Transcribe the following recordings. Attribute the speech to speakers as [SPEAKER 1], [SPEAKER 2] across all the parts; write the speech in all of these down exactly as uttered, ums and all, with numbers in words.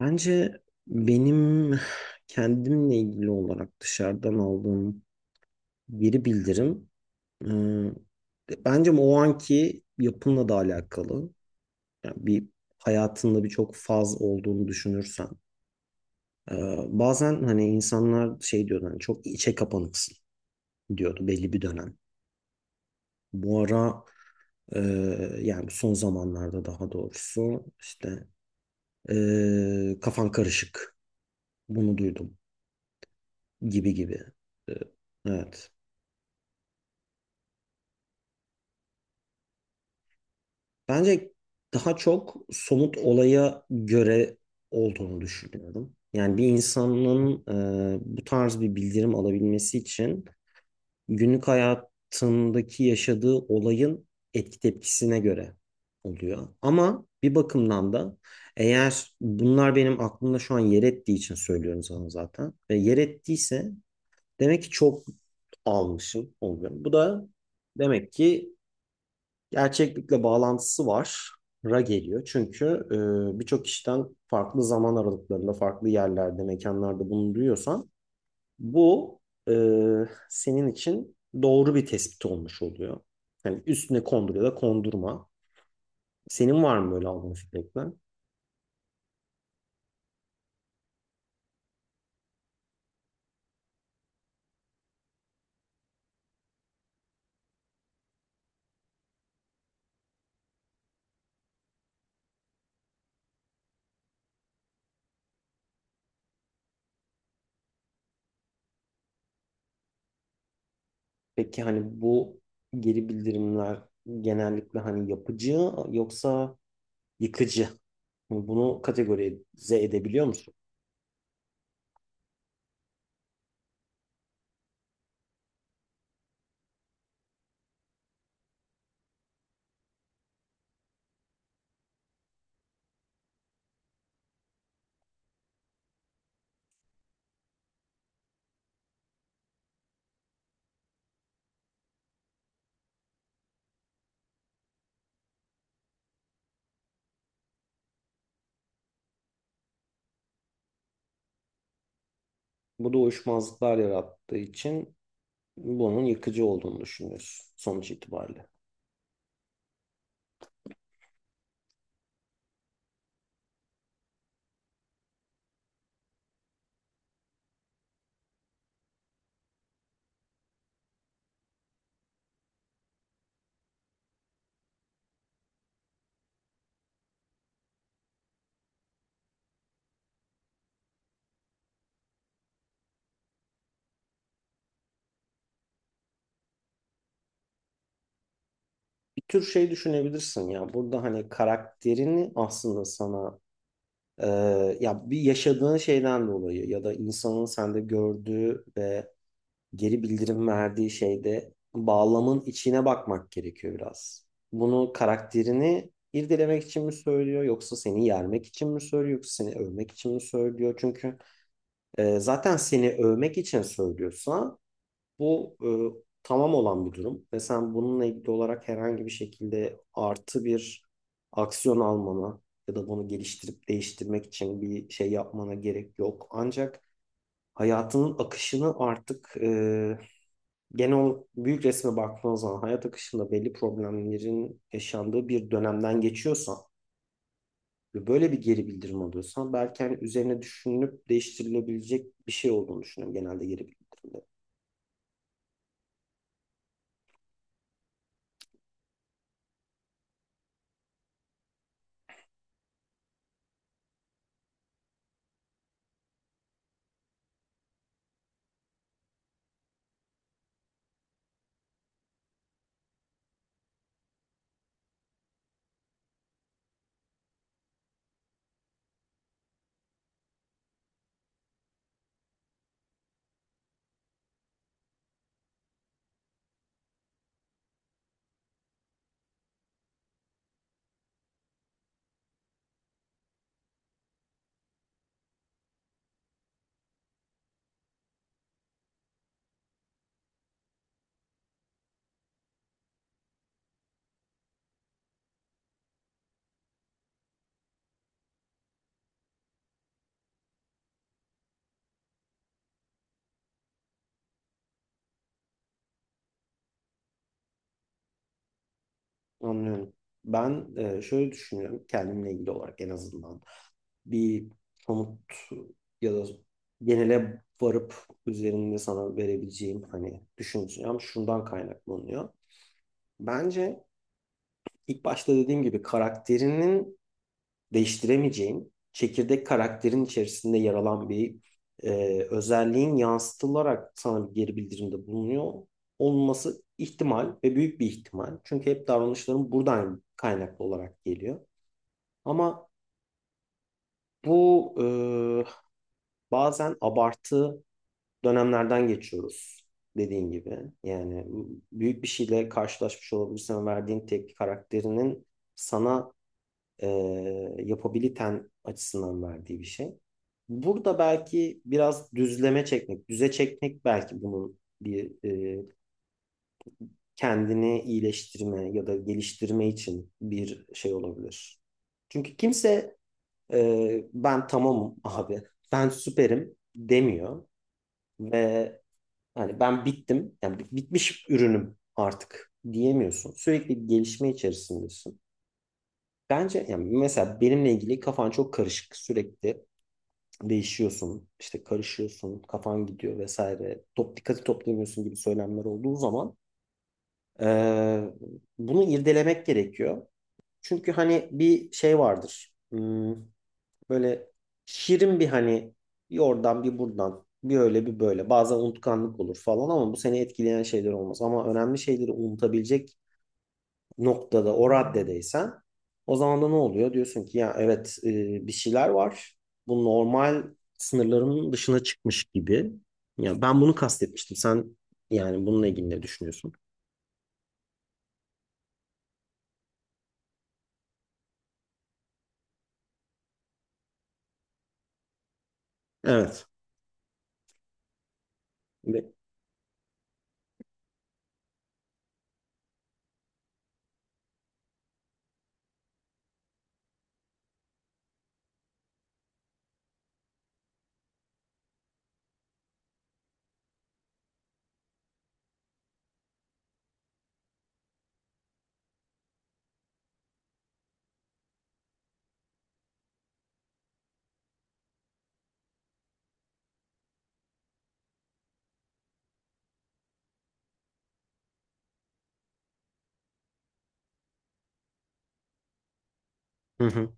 [SPEAKER 1] Bence benim kendimle ilgili olarak dışarıdan aldığım geri bildirim e, bence o anki yapınla da alakalı. Yani bir hayatında birçok faz olduğunu düşünürsen. e, Bazen hani insanlar şey diyordu, hani çok içe kapanıksın diyordu belli bir dönem. Bu ara, e, yani son zamanlarda daha doğrusu, işte e, kafan karışık bunu duydum gibi gibi. E, Evet. Bence daha çok somut olaya göre olduğunu düşünüyorum. Yani bir insanın e, bu tarz bir bildirim alabilmesi için günlük hayatındaki yaşadığı olayın etki tepkisine göre oluyor. Ama bir bakımdan da, eğer bunlar benim aklımda şu an yer ettiği için söylüyorum sana zaten. Ve yer ettiyse demek ki çok almışım oluyorum. Bu da demek ki gerçeklikle bağlantısı var. Ra geliyor. Çünkü e, birçok kişiden farklı zaman aralıklarında, farklı yerlerde, mekanlarda bunu duyuyorsan bu e, senin için doğru bir tespit olmuş oluyor. Yani üstüne kondur ya da kondurma. Senin var mı böyle aldığın feedbackler? Peki hani bu geri bildirimler genellikle hani yapıcı yoksa yıkıcı? Bunu kategorize edebiliyor musun? Bu da uyuşmazlıklar yarattığı için bunun yıkıcı olduğunu düşünüyorsun sonuç itibariyle. Bir tür şey düşünebilirsin ya burada, hani karakterini aslında sana e, ya bir yaşadığın şeyden dolayı ya da insanın sende gördüğü ve geri bildirim verdiği şeyde bağlamın içine bakmak gerekiyor biraz. Bunu karakterini irdelemek için mi söylüyor yoksa seni yermek için mi söylüyor yoksa seni övmek için mi söylüyor? Çünkü e, zaten seni övmek için söylüyorsa bu e, tamam olan bir durum ve sen bununla ilgili olarak herhangi bir şekilde artı bir aksiyon almana ya da bunu geliştirip değiştirmek için bir şey yapmana gerek yok. Ancak hayatının akışını artık, e, genel büyük resme baktığınız zaman hayat akışında belli problemlerin yaşandığı bir dönemden geçiyorsan ve böyle bir geri bildirim alıyorsan, belki hani üzerine düşünülüp değiştirilebilecek bir şey olduğunu düşünüyorum genelde geri bildirimde. Anlıyorum. Ben e, şöyle düşünüyorum kendimle ilgili olarak, en azından bir somut ya da genele varıp üzerinde sana verebileceğim hani düşüncem şundan kaynaklanıyor. Bence ilk başta dediğim gibi karakterinin değiştiremeyeceğin çekirdek karakterin içerisinde yer alan bir e, özelliğin yansıtılarak sana bir geri bildirimde bulunuyor olması ihtimal ve büyük bir ihtimal. Çünkü hep davranışların buradan kaynaklı olarak geliyor. Ama bu, e, bazen abartı dönemlerden geçiyoruz dediğin gibi. Yani büyük bir şeyle karşılaşmış olabilirsin ve verdiğin tepki karakterinin sana e, yapabiliten açısından verdiği bir şey. Burada belki biraz düzleme çekmek, düze çekmek belki bunun bir e, kendini iyileştirme ya da geliştirme için bir şey olabilir. Çünkü kimse e, ben tamamım abi. Ben süperim demiyor ve hani ben bittim. Yani bitmiş ürünüm artık diyemiyorsun. Sürekli bir gelişme içerisindesin. Bence yani mesela benimle ilgili kafan çok karışık. Sürekli değişiyorsun, işte karışıyorsun, kafan gidiyor vesaire. Top dikkati toplayamıyorsun gibi söylemler olduğu zaman e, bunu irdelemek gerekiyor. Çünkü hani bir şey vardır. Hmm, böyle şirin bir hani, bir oradan bir buradan bir öyle bir böyle. Bazen unutkanlık olur falan ama bu seni etkileyen şeyler olmaz. Ama önemli şeyleri unutabilecek noktada, o raddedeysen, o zaman da ne oluyor? Diyorsun ki ya evet, e, bir şeyler var. Bu normal sınırlarımın dışına çıkmış gibi. Ya ben bunu kastetmiştim. Sen yani bununla ilgili ne düşünüyorsun? Evet. Ve- Hı hı.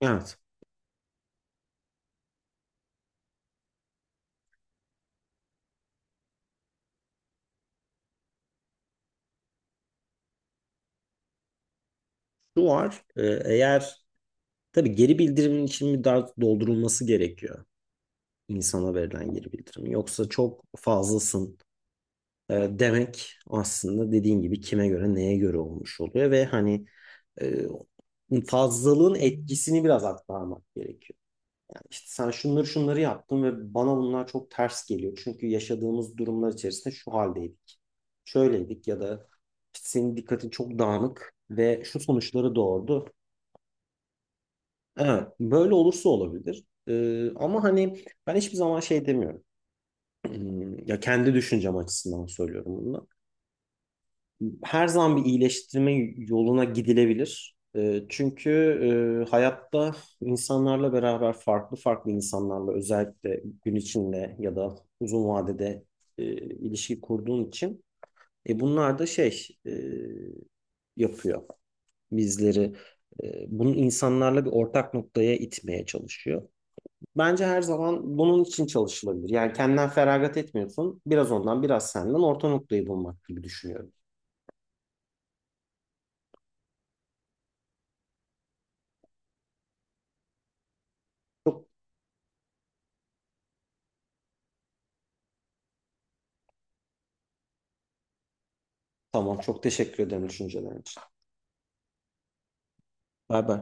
[SPEAKER 1] Evet. Şu var. E, eğer, tabii, geri bildirimin için bir daha doldurulması gerekiyor. İnsana verilen geri bildirim. Yoksa çok fazlasın e, demek, aslında dediğin gibi kime göre neye göre olmuş oluyor ve hani e, fazlalığın etkisini biraz aktarmak gerekiyor. Yani işte sen şunları şunları yaptın ve bana bunlar çok ters geliyor. Çünkü yaşadığımız durumlar içerisinde şu haldeydik. Şöyleydik ya da işte senin dikkatin çok dağınık ve şu sonuçları doğurdu. Evet, böyle olursa olabilir. E, ama hani ben hiçbir zaman şey demiyorum. Hmm, ya kendi düşüncem açısından söylüyorum bunu. Her zaman bir iyileştirme yoluna gidilebilir. Ee, Çünkü e, hayatta insanlarla beraber, farklı farklı insanlarla özellikle gün içinde ya da uzun vadede e, ilişki kurduğun için e, bunlar da şey e, yapıyor bizleri. E, Bunu insanlarla bir ortak noktaya itmeye çalışıyor. Bence her zaman bunun için çalışılabilir. Yani kendinden feragat etmiyorsun. Biraz ondan, biraz senden, orta noktayı bulmak gibi düşünüyorum. Çok tamam, çok teşekkür ederim düşüncelerin için. Bay bay.